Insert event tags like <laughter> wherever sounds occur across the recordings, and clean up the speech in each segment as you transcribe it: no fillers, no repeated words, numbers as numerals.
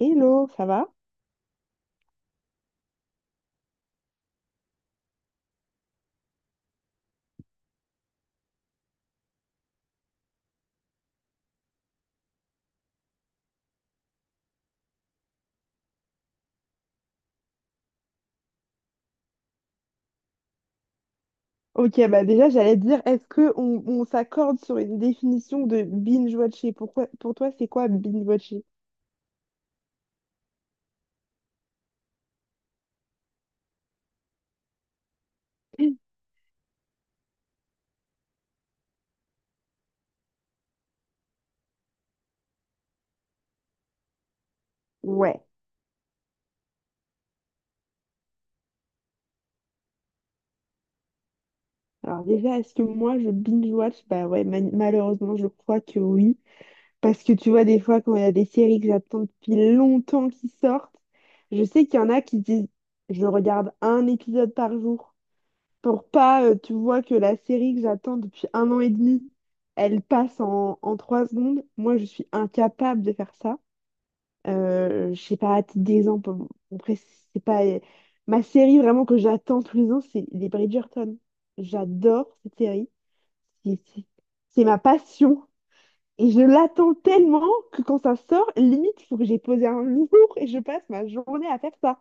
Hello, ça va? Ok, bah déjà j'allais te dire, est-ce que on s'accorde sur une définition de binge-watcher? Pourquoi, pour toi, c'est quoi binge-watcher? Ouais. Alors déjà, est-ce que moi je binge-watch? Bah ouais, malheureusement, je crois que oui. Parce que tu vois, des fois, quand il y a des séries que j'attends depuis longtemps qui sortent, je sais qu'il y en a qui disent, je regarde un épisode par jour, pour pas, tu vois, que la série que j'attends depuis 1 an et demi, elle passe en trois secondes. Moi, je suis incapable de faire ça. Je sais pas, à titre d'exemple, bon, après, c'est pas... Ma série vraiment que j'attends tous les ans, c'est les Bridgerton. J'adore cette série. C'est c'est- c'est ma passion. Et je l'attends tellement que quand ça sort, limite, il faut que j'ai posé un <laughs> jour et je passe ma journée à faire ça.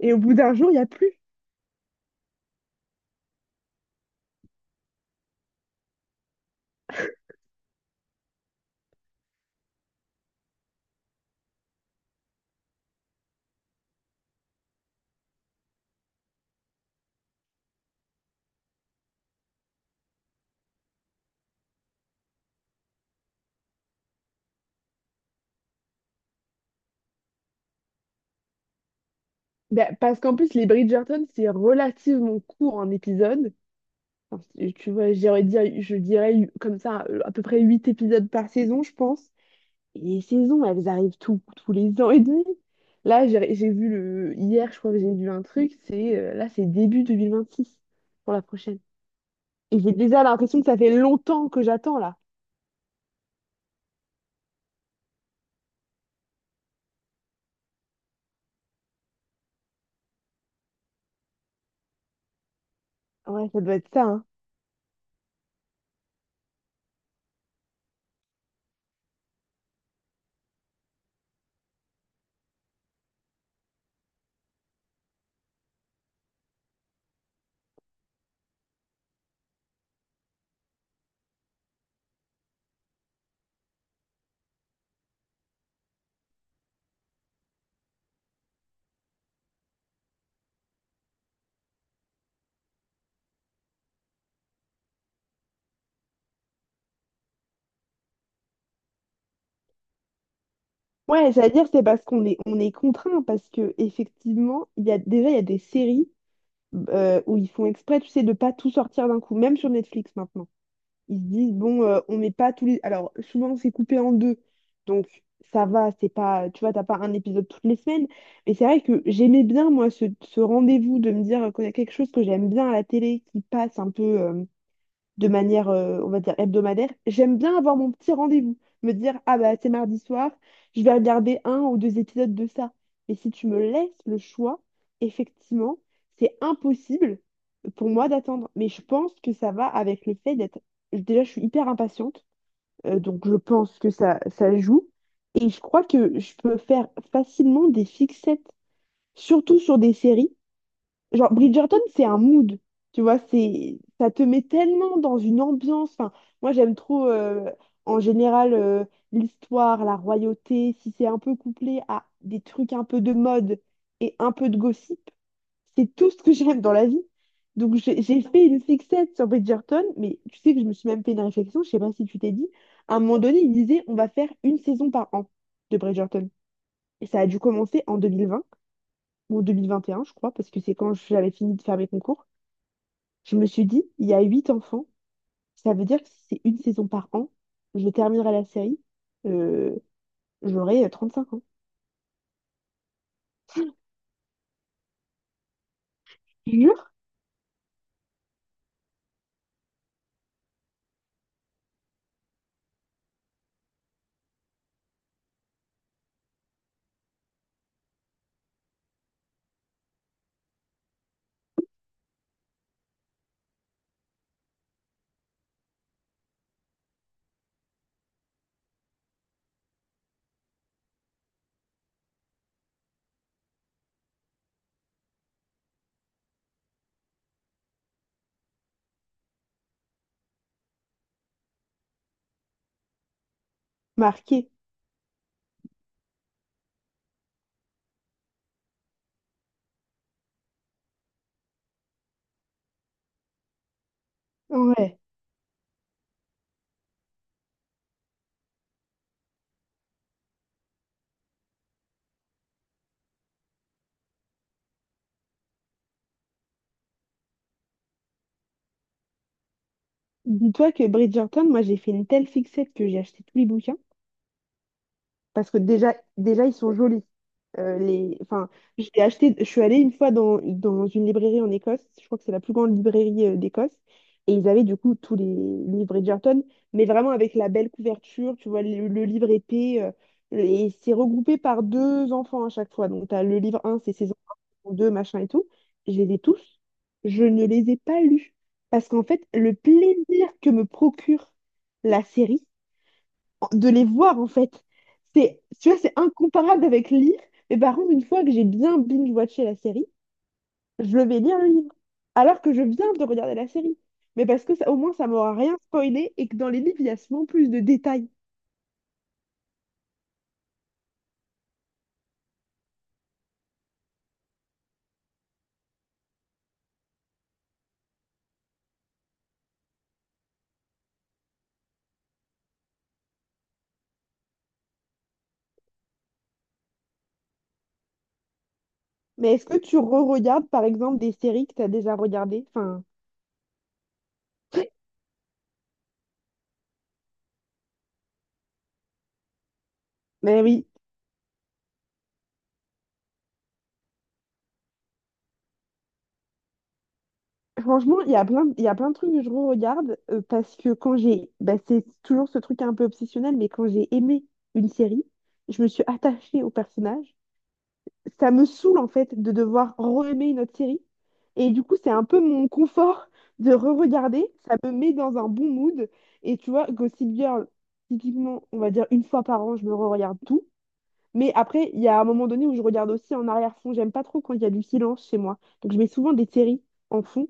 Et au bout d'un jour, il n'y a plus. Ben, parce qu'en plus, les Bridgerton, c'est relativement court en épisode. Enfin, tu vois, je dirais comme ça, à peu près 8 épisodes par saison, je pense. Et les saisons, elles arrivent tous les ans et demi. Là, j'ai vu le... Hier, je crois que j'ai vu un truc, c'est... là, c'est début 2026 pour la prochaine. Et j'ai déjà l'impression que ça fait longtemps que j'attends, là. Ouais, ça doit être ça, hein. Ouais, c'est-à-dire, c'est parce qu'on est contraint, parce que effectivement, il y a, déjà, il y a des séries où ils font exprès, tu sais, de pas tout sortir d'un coup, même sur Netflix maintenant. Ils se disent, bon, on met pas tous les... Alors, souvent, c'est coupé en deux, donc ça va, c'est pas... Tu vois, t'as pas un épisode toutes les semaines, mais c'est vrai que j'aimais bien, moi, ce rendez-vous de me dire, quand il y a quelque chose que j'aime bien à la télé, qui passe un peu... de manière, on va dire, hebdomadaire, j'aime bien avoir mon petit rendez-vous. Me dire, ah bah c'est mardi soir, je vais regarder un ou deux épisodes de ça. Mais si tu me laisses le choix, effectivement, c'est impossible pour moi d'attendre. Mais je pense que ça va avec le fait d'être... Déjà, je suis hyper impatiente, donc je pense que ça joue. Et je crois que je peux faire facilement des fixettes, surtout sur des séries. Genre, Bridgerton, c'est un mood, tu vois, c'est, ça te met tellement dans une ambiance. Enfin, moi, j'aime trop, en général, l'histoire, la royauté, si c'est un peu couplé à des trucs un peu de mode et un peu de gossip, c'est tout ce que j'aime dans la vie. Donc, j'ai fait une fixette sur Bridgerton, mais tu sais que je me suis même fait une réflexion, je sais pas si tu t'es dit, à un moment donné, il disait, on va faire une saison par an de Bridgerton. Et ça a dû commencer en 2020 ou 2021, je crois, parce que c'est quand j'avais fini de faire mes concours. Je me suis dit, il y a 8 enfants, ça veut dire que si c'est une saison par an, je terminerai la série, euh, j'aurai 35 ans. Jure? Marqué. Ouais. Dis-toi que Bridgerton, moi j'ai fait une telle fixette que j'ai acheté tous les bouquins. Parce que déjà ils sont jolis. Les... enfin, j'ai acheté... Je suis allée une fois dans une librairie en Écosse, je crois que c'est la plus grande librairie d'Écosse, et ils avaient du coup tous les livres Bridgerton, mais vraiment avec la belle couverture, tu vois, le livre épais, et c'est regroupé par deux enfants à chaque fois. Donc, tu as le livre un c'est ses enfants, 2 machin et tout. Je les ai tous, je ne les ai pas lus, parce qu'en fait, le plaisir que me procure la série, de les voir en fait. C'est, tu vois, c'est incomparable avec lire. Mais par contre, une fois que j'ai bien binge-watché la série, je vais lire le livre. Alors que je viens de regarder la série. Mais parce que ça, au moins, ça m'aura rien spoilé et que dans les livres, il y a souvent plus de détails. Mais est-ce que tu re-regardes, par exemple, des séries que tu as déjà regardées? Enfin, mais oui. Franchement, il y a il y a plein de trucs que je re-regarde parce que quand j'ai... bah, c'est toujours ce truc un peu obsessionnel, mais quand j'ai aimé une série, je me suis attachée au personnage, ça me saoule en fait de devoir re-aimer une autre série. Et du coup, c'est un peu mon confort <laughs> de re-regarder. Ça me met dans un bon mood. Et tu vois, Gossip Girl, typiquement, on va dire une fois par an, je me re-regarde tout. Mais après, il y a un moment donné où je regarde aussi en arrière-fond. J'aime pas trop quand il y a du silence chez moi. Donc, je mets souvent des séries en fond,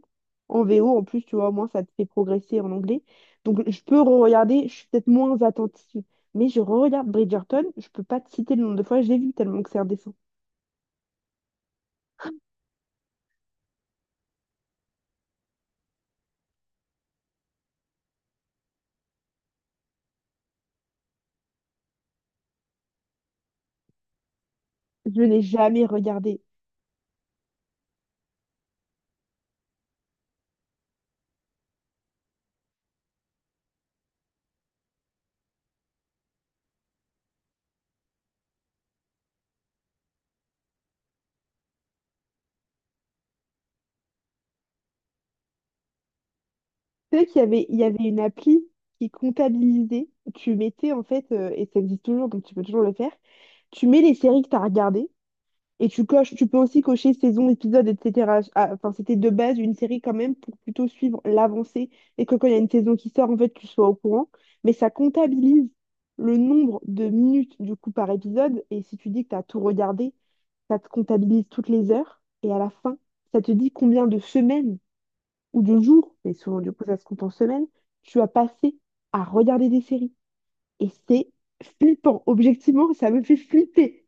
en VO. En plus, tu vois, au moins, ça te fait progresser en anglais. Donc, je peux re-regarder. Je suis peut-être moins attentive. Mais je re-regarde Bridgerton. Je peux pas te citer le nombre de fois que je l'ai vu tellement que c'est indécent. Je n'ai jamais regardé. Tu sais qu'il y avait une appli qui comptabilisait. Tu mettais en fait, et ça existe toujours, donc tu peux toujours le faire. Tu mets les séries que tu as regardées et tu coches. Tu peux aussi cocher saison, épisode, etc. Ah, enfin, c'était de base une série quand même pour plutôt suivre l'avancée et que quand il y a une saison qui sort, en fait, tu sois au courant. Mais ça comptabilise le nombre de minutes du coup par épisode. Et si tu dis que tu as tout regardé, ça te comptabilise toutes les heures. Et à la fin, ça te dit combien de semaines ou de jours, mais souvent du coup ça se compte en semaines, tu vas passer à regarder des séries. Et c'est flippant. Objectivement, ça me fait flipper.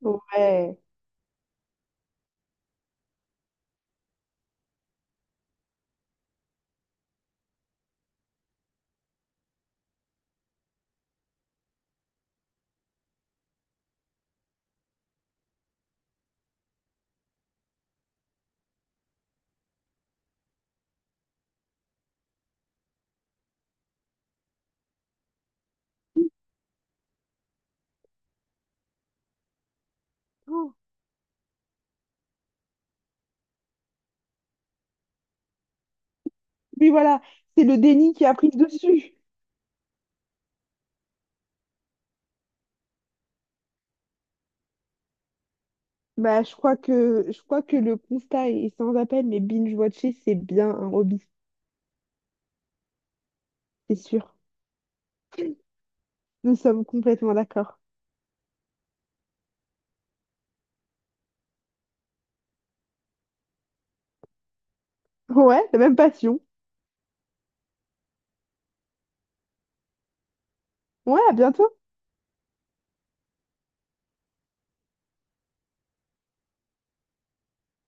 Ouais. Oh. Oui, voilà, c'est le déni qui a pris le dessus. Bah, je crois que le constat est sans appel, mais binge-watcher, c'est bien un hobby, c'est sûr. Nous sommes complètement d'accord. Ouais, la même passion. Ouais, à bientôt.